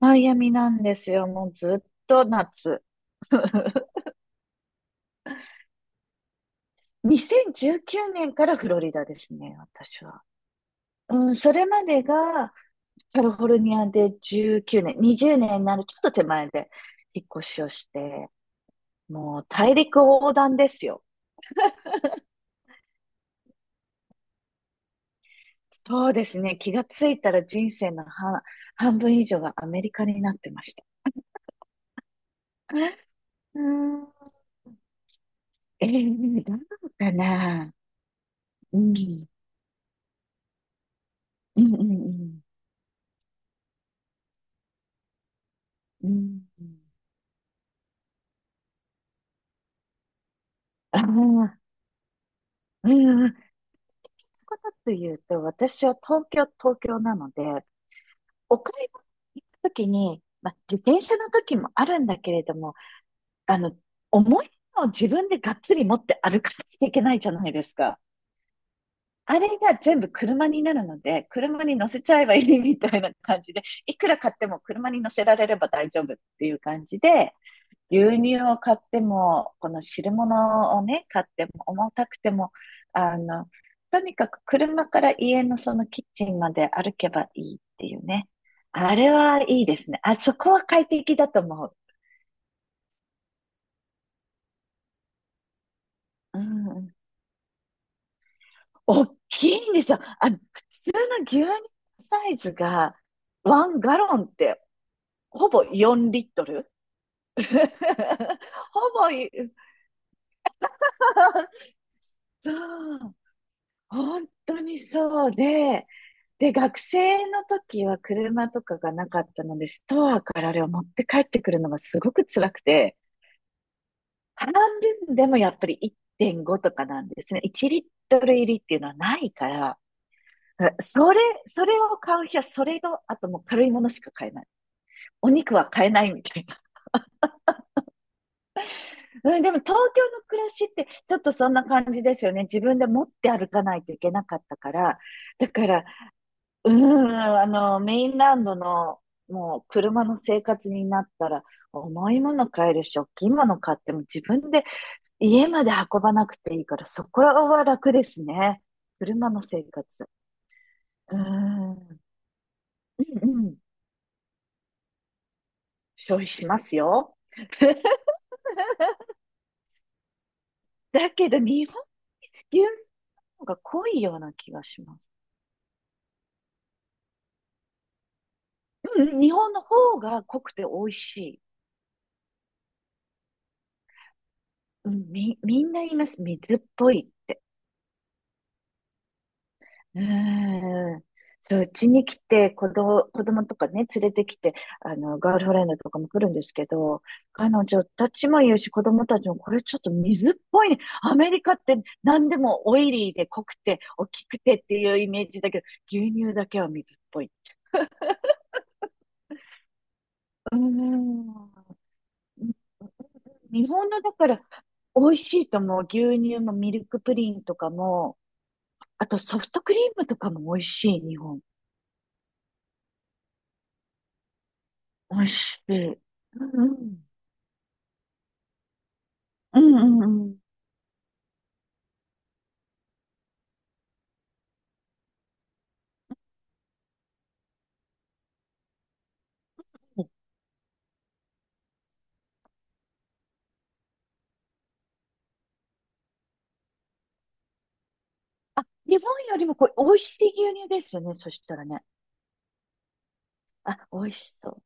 マイアミなんですよ。もうずっと夏。2019年からフロリダですね、私は。うん、それまでがカリフォルニアで19年、20年になるちょっと手前で引っ越しをして、もう大陸横断ですよ。そうですね、気がついたら人生の半分以上がアメリカになってました。うん、どうかな。うん、うん、うん、うん。うん。ああ、うん、うん。ことと言うと、私は東京なので、お買い物に行くときに、まあ、自転車の時もあるんだけれども、あの、重いのを自分でがっつり持って歩かなきゃいけないじゃないですか。あれが全部車になるので、車に乗せちゃえばいいみたいな感じで、いくら買っても車に乗せられれば大丈夫っていう感じで、牛乳を買っても、この汁物をね、買っても、重たくても、あの、とにかく車から家のそのキッチンまで歩けばいいっていうね。あれはいいですね。あそこは快適だと思う。うん。大きいんですよ。普通の牛乳サイズが、ワンガロンってほぼ4リットル ほぼい、そう。本当にそうで、で、学生の時は車とかがなかったので、ストアからあれを持って帰ってくるのがすごく辛くて、半分でもやっぱり1.5とかなんですね。1リットル入りっていうのはないから、それ、それを買う日はそれと、あともう軽いものしか買えない。お肉は買えないみたいな。うん、でも東京の暮らしってちょっとそんな感じですよね。自分で持って歩かないといけなかったから。だからメインランドの、もう、車の生活になったら、重いもの買えるし、大きいもの買っても自分で家まで運ばなくていいから、そこは楽ですね。車の生活。うーん、うんうん、消費しますよ。だけど、日本、牛乳の方が濃いような気がします。うん、日本の方が濃くて美味しい。うん、みんな言います。水っぽいって。うーん。そう、うちに来て、子供とかね、連れてきて、ガールフレンドとかも来るんですけど、彼女たちも言うし、子供たちも、これちょっと水っぽいね。アメリカって何でもオイリーで濃くて、大きくてっていうイメージだけど、牛乳だけは水っぽい。うーん。日本のだから、美味しいと思う。牛乳もミルクプリンとかも、あとソフトクリームとかも美味しい、日本。美味しい。うんうんうんうんうん。日本よりもこう、美味しい牛乳ですよね。そしたらね。あ、美味しそう。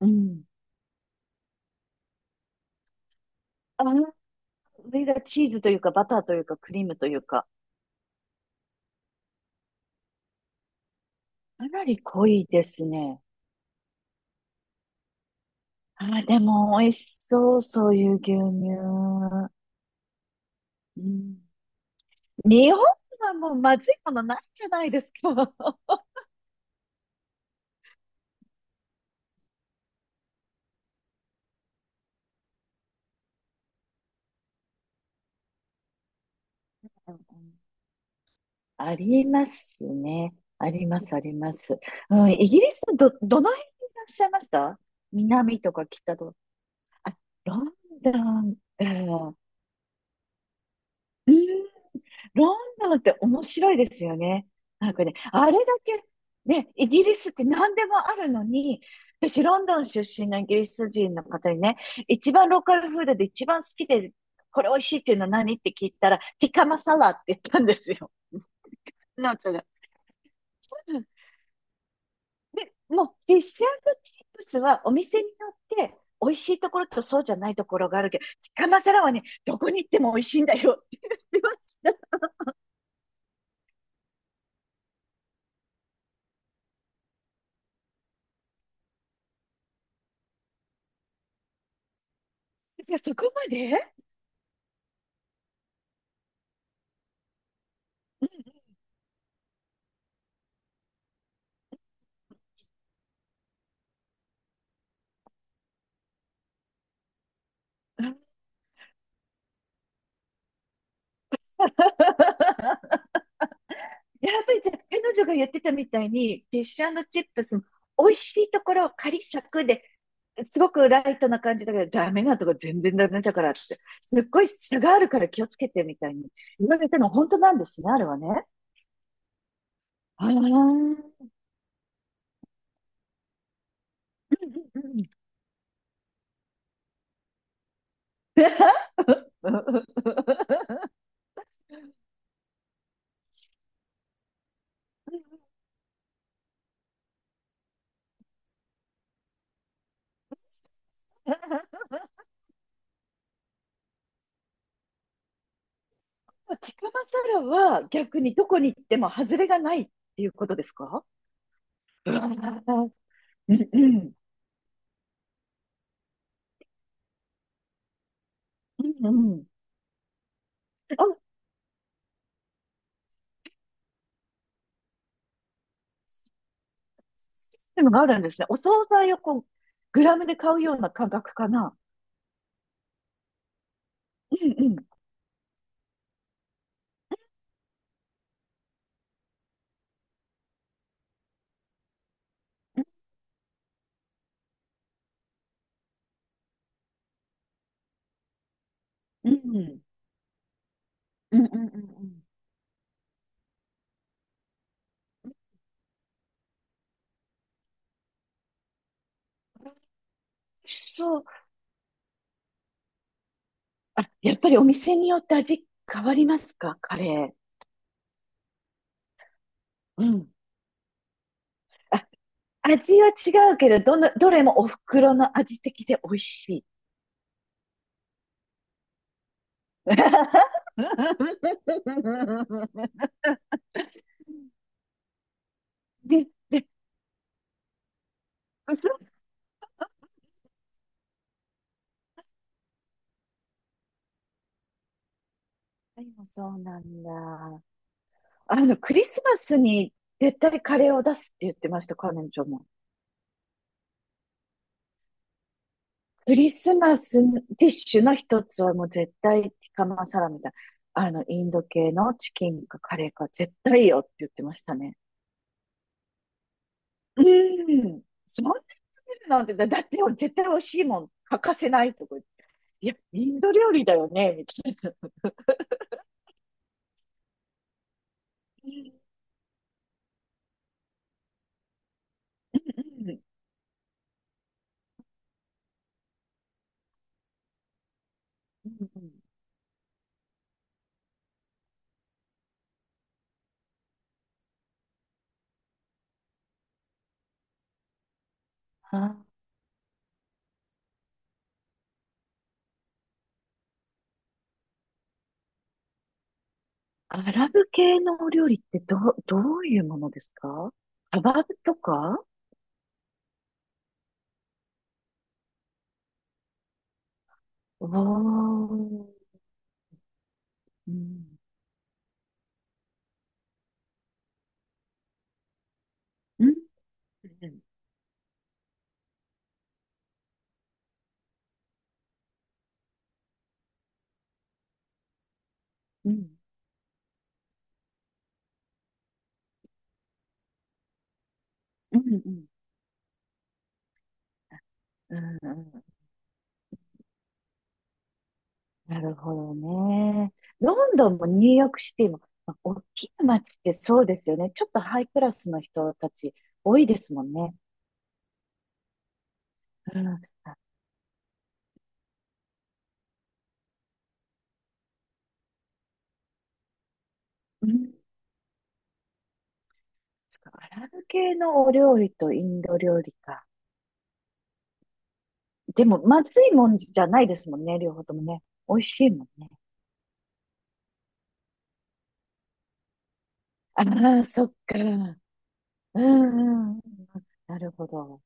うん。あの上がチーズというか、バターというか、クリームというか、かなり濃いですね。あ、でも美味しそう、そういう牛乳。うん、日本はもうまずいものないじゃないですか。うん。ありますね。あります、あります。うん、イギリスどの辺にいらっしゃいました？南とか北と？あ、ロンドンか。うん、ロンドンって面白いですよね。なんかね、あれだけ、ね、イギリスって何でもあるのに、私、ロンドン出身のイギリス人の方にね、一番ローカルフードで一番好きで、これ美味しいっていうのは何？って聞いたら、ティカマサラって言ったんですよ。なおちゃんが。もう、フィッシュチップスはお店によって美味しいところとそうじゃないところがあるけど、ティカマサラはね、どこに行っても美味しいんだよって言ってました。いや、そこまで やっぱりじゃあ、彼女が言ってたみたいに、フィッシュチップスも美味しいところ、カリサクで、すごくライトな感じだけど、ダメなとこ全然ダメだからって、すっごい差があるから気をつけてみたいに言われたの本当なんですね、あれはね。ああ。ティカマサラは逆にどこに行っても外れがないっていうことですか？ うんうんうんうん。あ、でもあるんですね。お惣菜をこう、グラムで買うような感覚かな。うんうん。うん。うんうんうんうん。そう。あ、やっぱりお店によって味変わりますか？カレー。うん。あ、味は違うけど、どれもお袋の味的で美味しい。で、うんもそうなんだ。クリスマスに絶対カレーを出すって言ってました、彼女も。クリスマスディッシュの一つはもう絶対ティカマサラみたいな。インド系のチキンかカレーか絶対いいよって言ってましたね。うん。そんなに食べるなんて、だって絶対美味しいもん欠かせないとか言って。いや、インド料理だよね、みたいな。うんうんうんうん。あ、アラブ系のお料理ってどういうものですか？カバブとか？おー。うん。うん。うん。うん。うん。うん。うん。うん。なるほどね。ロンドンもニューヨークシティも、まあ大きな街ってそうですよね。ちょっとハイクラスの人たち多いですもんね。うん。あ、うん。そっか。アラブ系のお料理とインド料理か。でも、まずいもんじゃないですもんね。両方ともね。美味しいもんね。ああ、そっか。うんうんうん。なるほど。